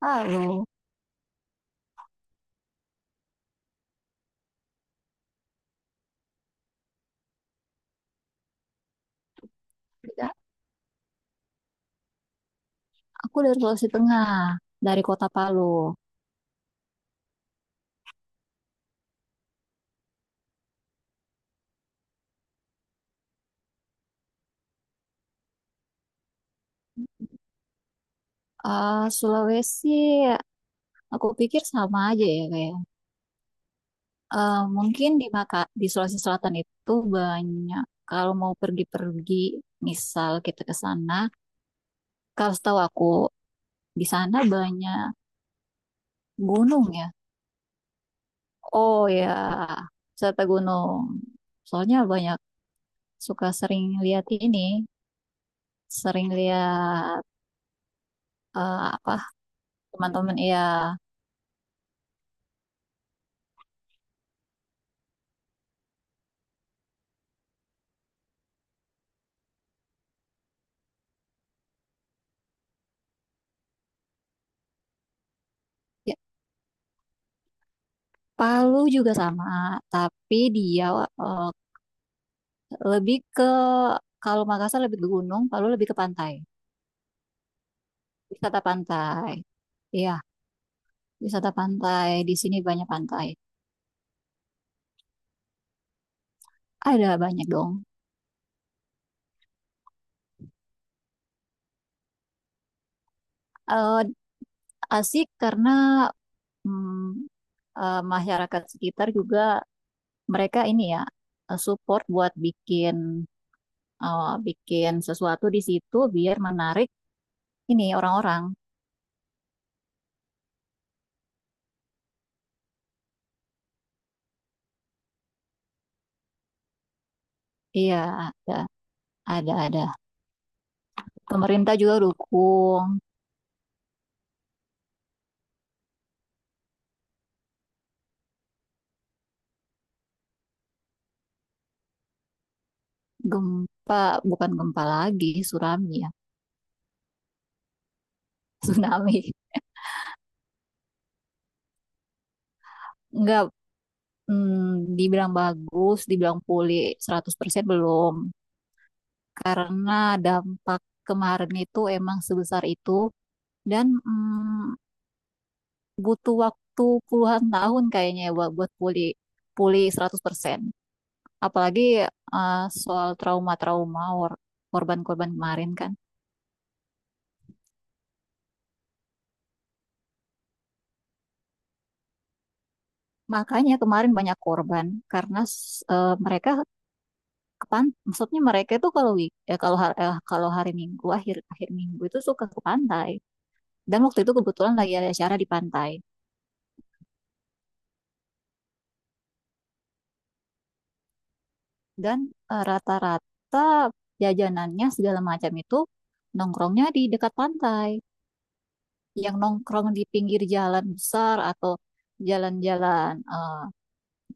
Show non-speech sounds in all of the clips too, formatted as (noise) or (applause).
Palu. Tidak, Aku dari Sulawesi Tengah, dari kota Palu. Sulawesi, aku pikir sama aja ya kayak. Mungkin di Sulawesi Selatan itu banyak. Kalau mau pergi-pergi, misal kita ke sana, kalau setahu aku di sana banyak gunung ya. Oh ya, wisata gunung. Soalnya banyak suka sering lihat ini, sering lihat eh, apa teman-teman ya. Palu juga sama, tapi dia eh, lebih ke kalau Makassar lebih ke gunung, Palu lebih ke pantai, wisata pantai. Iya, wisata pantai. Di sini banyak pantai. Ada banyak dong. Eh, Asik karena mm, masyarakat sekitar juga mereka ini ya support buat bikin bikin sesuatu di situ biar menarik ini orang-orang. Iya, ada ada ada. Pemerintah juga dukung. Gempa, bukan gempa lagi, tsunami ya. (laughs) Tsunami. Enggak, dibilang bagus, dibilang pulih 100% belum. Karena dampak kemarin itu emang sebesar itu dan butuh waktu puluhan tahun kayaknya ya buat buat pulih pulih 100%. Apalagi soal korban-korban kemarin kan. Makanya kemarin banyak korban karena mereka maksudnya mereka itu kalau week ya kalau hari Minggu akhir akhir Minggu itu suka ke pantai dan waktu itu kebetulan lagi ada acara di pantai dan rata-rata jajanannya segala macam itu nongkrongnya di dekat pantai yang nongkrong di pinggir jalan besar atau jalan-jalan eh,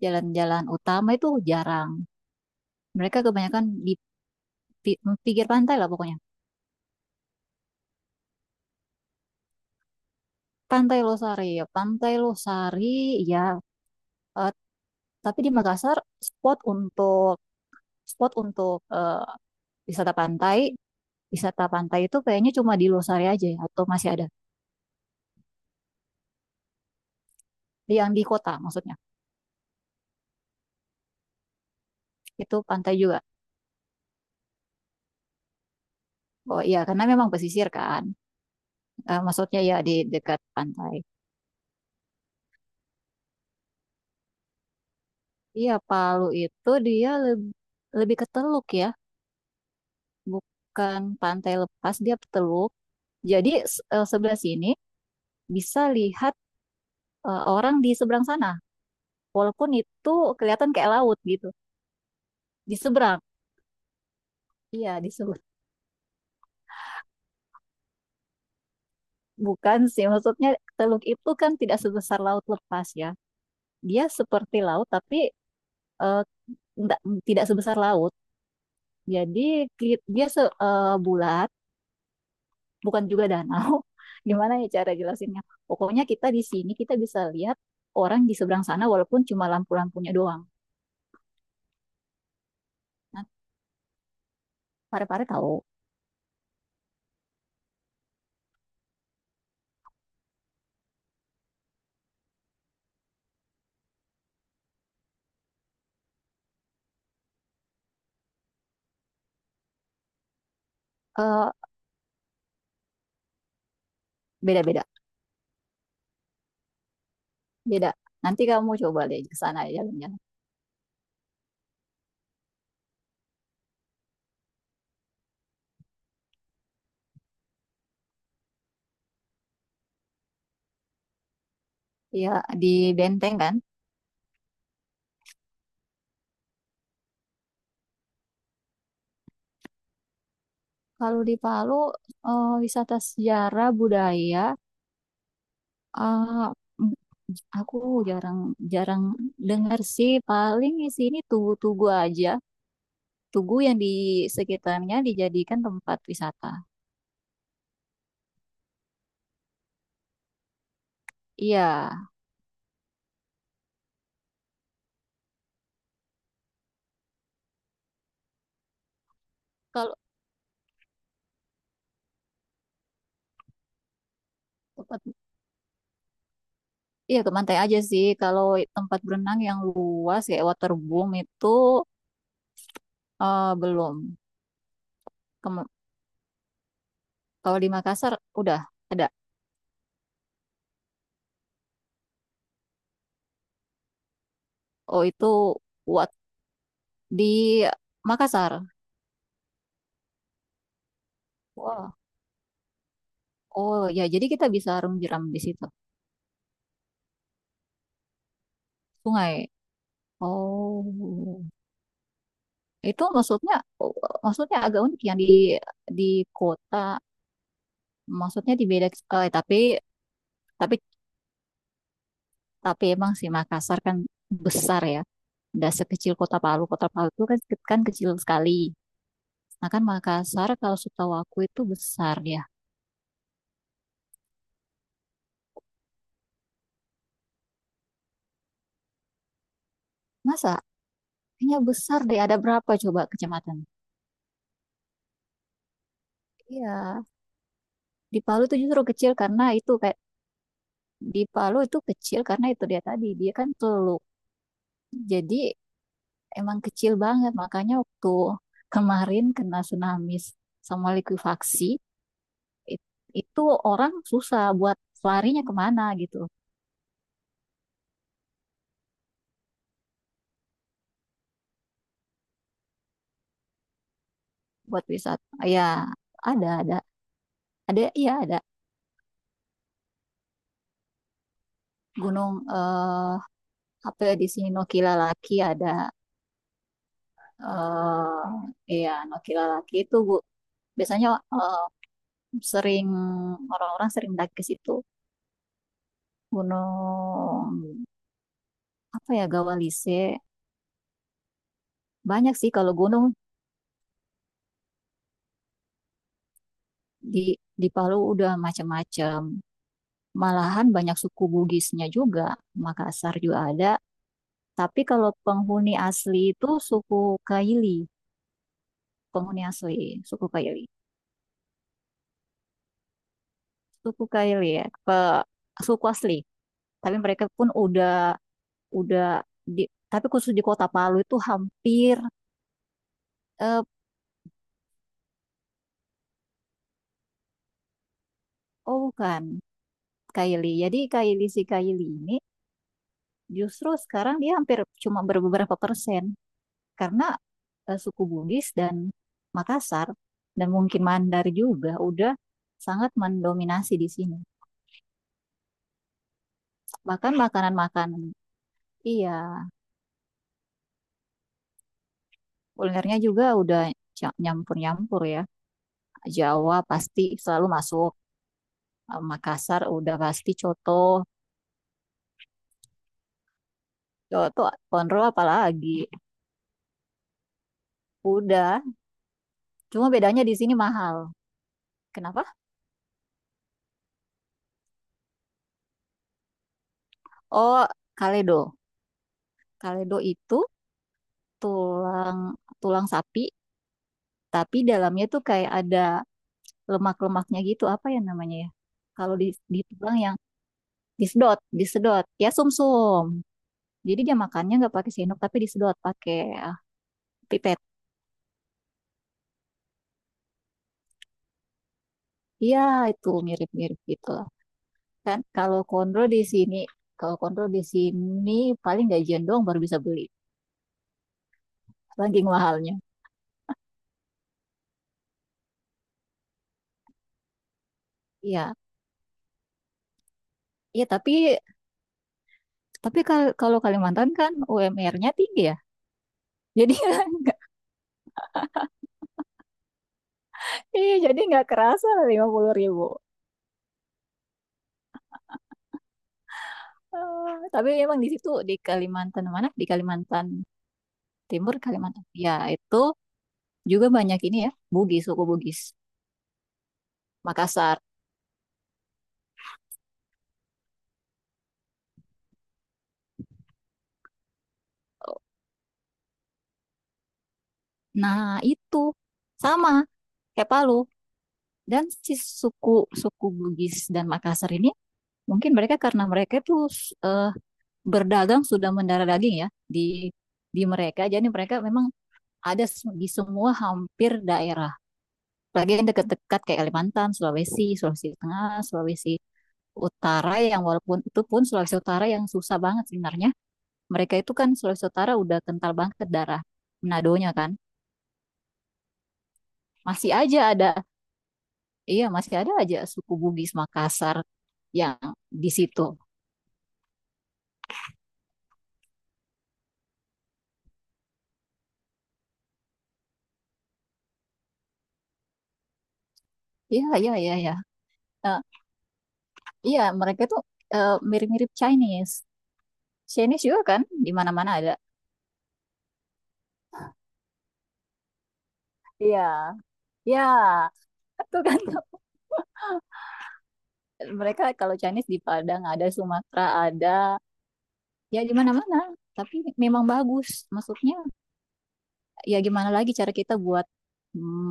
jalan-jalan utama itu jarang, mereka kebanyakan di pinggir pantai lah pokoknya. Pantai Losari ya Pantai Losari ya, eh, tapi di Makassar spot untuk spot untuk wisata pantai, wisata pantai itu kayaknya cuma di Losari aja ya, atau masih ada yang di kota maksudnya. Itu pantai juga. Oh iya, karena memang pesisir kan. Maksudnya ya di dekat pantai. Iya, Palu itu dia lebih lebih ke teluk ya, bukan pantai lepas, dia teluk. Jadi sebelah sini bisa lihat orang di seberang sana, walaupun itu kelihatan kayak laut gitu. Di seberang, iya di seberang. Bukan sih, maksudnya teluk itu kan tidak sebesar laut lepas ya. Dia seperti laut tapi eh, nggak- tidak sebesar laut. Jadi dia bulat, bukan juga danau. (laughs) Gimana ya cara jelasinnya? Pokoknya kita di sini kita bisa lihat orang di seberang sana walaupun cuma lampu-lampunya doang. Nah, pare-pare tahu. Eh, Beda-beda, beda. Nanti kamu coba deh ke sana ya, jalan-jalan. Ya di Benteng kan. Kalau di Palu wisata sejarah budaya, ah, aku jarang jarang dengar sih, paling di sini tugu-tugu aja, tugu yang di sekitarnya dijadikan tempat wisata. Iya. Kalau tempat, iya ke pantai aja sih kalau tempat berenang yang luas kayak waterboom itu belum. Kem- Kalau di Makassar udah ada. Oh itu wat di Makassar. Wah. Oh ya jadi kita bisa renang jeram di situ, sungai. Oh, itu maksudnya maksudnya agak unik yang di kota, maksudnya di beda eh, tapi tapi tapi emang sih Makassar kan besar ya. Nggak sekecil Kota Palu. Kota Palu itu kan kan kecil sekali. Nah kan Makassar kalau setahu aku itu besar ya. Masa? Kayaknya besar deh. Ada berapa coba kecamatan? Iya. Di Palu itu justru kecil karena itu kayak di Palu itu kecil karena itu dia tadi dia kan teluk. Jadi emang kecil banget. Makanya waktu kemarin kena tsunami sama likuifaksi, it- itu orang susah buat larinya kemana gitu, buat wisata. Ya, ada, ada, ada, iya ada. Gunung eh apa ya di sini Nokilalaki ada, eh iya Nokilalaki itu Bu. Biasanya eh, sering orang-orang sering daki ke situ. Gunung apa ya Gawalise, banyak sih kalau gunung di di Palu udah macam-macam. Malahan banyak suku Bugisnya juga. Makassar juga ada. Tapi kalau penghuni asli itu suku Kaili, penghuni asli, suku Kaili. Suku Kaili ya, suku asli. Tapi mereka pun udah di, tapi khusus di Kota Palu itu hampir eh, oh bukan Kaili. Jadi Kaili si Kaili ini justru sekarang dia hampir cuma berbeberapa persen karena suku Bugis dan Makassar dan mungkin Mandar juga udah sangat mendominasi di sini. Bahkan makanan-makanan, iya, kulinernya juga udah nyampur-nyampur ya. Jawa pasti selalu masuk. Makassar udah pasti coto, coto, konro apalagi. Udah, cuma bedanya di sini mahal. Kenapa? Oh, kaledo. Kaledo itu tulang tulang sapi, tapi dalamnya tuh kayak ada lemak-lemaknya gitu apa ya namanya ya kalau di tulang yang disedot disedot ya sumsum, jadi dia makannya nggak pakai sendok tapi disedot pakai ah, pipet. Iya itu mirip-mirip gitu lah. Kan kalau kondro di sini kalau kondro di sini paling gajian doang baru bisa beli saking mahalnya. Iya iya, tapi kalau Kalimantan kan UMR-nya tinggi ya jadi nggak. (laughs) Iya jadi nggak kerasa 50 ribu. Tapi emang di situ di Kalimantan mana? Di Kalimantan Timur Kalimantan. Ya, itu juga banyak ini ya, Bugis, suku Bugis, Makassar. Nah, itu sama kayak Palu. Dan si suku suku Bugis dan Makassar ini mungkin mereka karena mereka tuh eh, berdagang sudah mendarah daging ya di di mereka. Jadi mereka memang ada di semua hampir daerah. Lagi yang dekat-dekat kayak Kalimantan, Sulawesi, Sulawesi Tengah, Sulawesi Utara yang walaupun itu pun Sulawesi Utara yang susah banget sebenarnya, mereka itu kan Sulawesi Utara udah kental banget darah Menadonya kan. Masih aja ada, iya masih ada aja suku Bugis Makassar yang di situ. Iya, iya, iya, iya. Eh, iya, mereka itu mirip-mirip Chinese. Chinese juga kan, di mana-mana ada. Iya, iya. Itu kan (laughs) mereka kalau Chinese di Padang ada, Sumatera ada, ya di mana-mana. Tapi memang bagus. Maksudnya, ya gimana lagi cara kita buat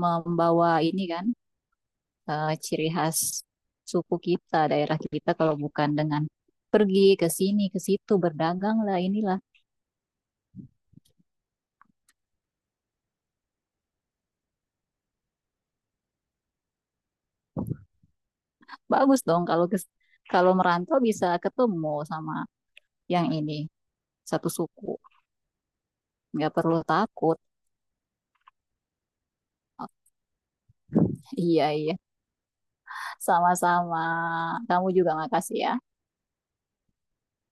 membawa ini kan ciri khas suku kita, daerah kita kalau bukan dengan pergi ke sini ke situ berdagang lah inilah. Bagus dong kalau merantau bisa ketemu sama yang ini satu suku. Nggak perlu takut. Oh, iya iya, sama-sama. Kamu juga makasih ya.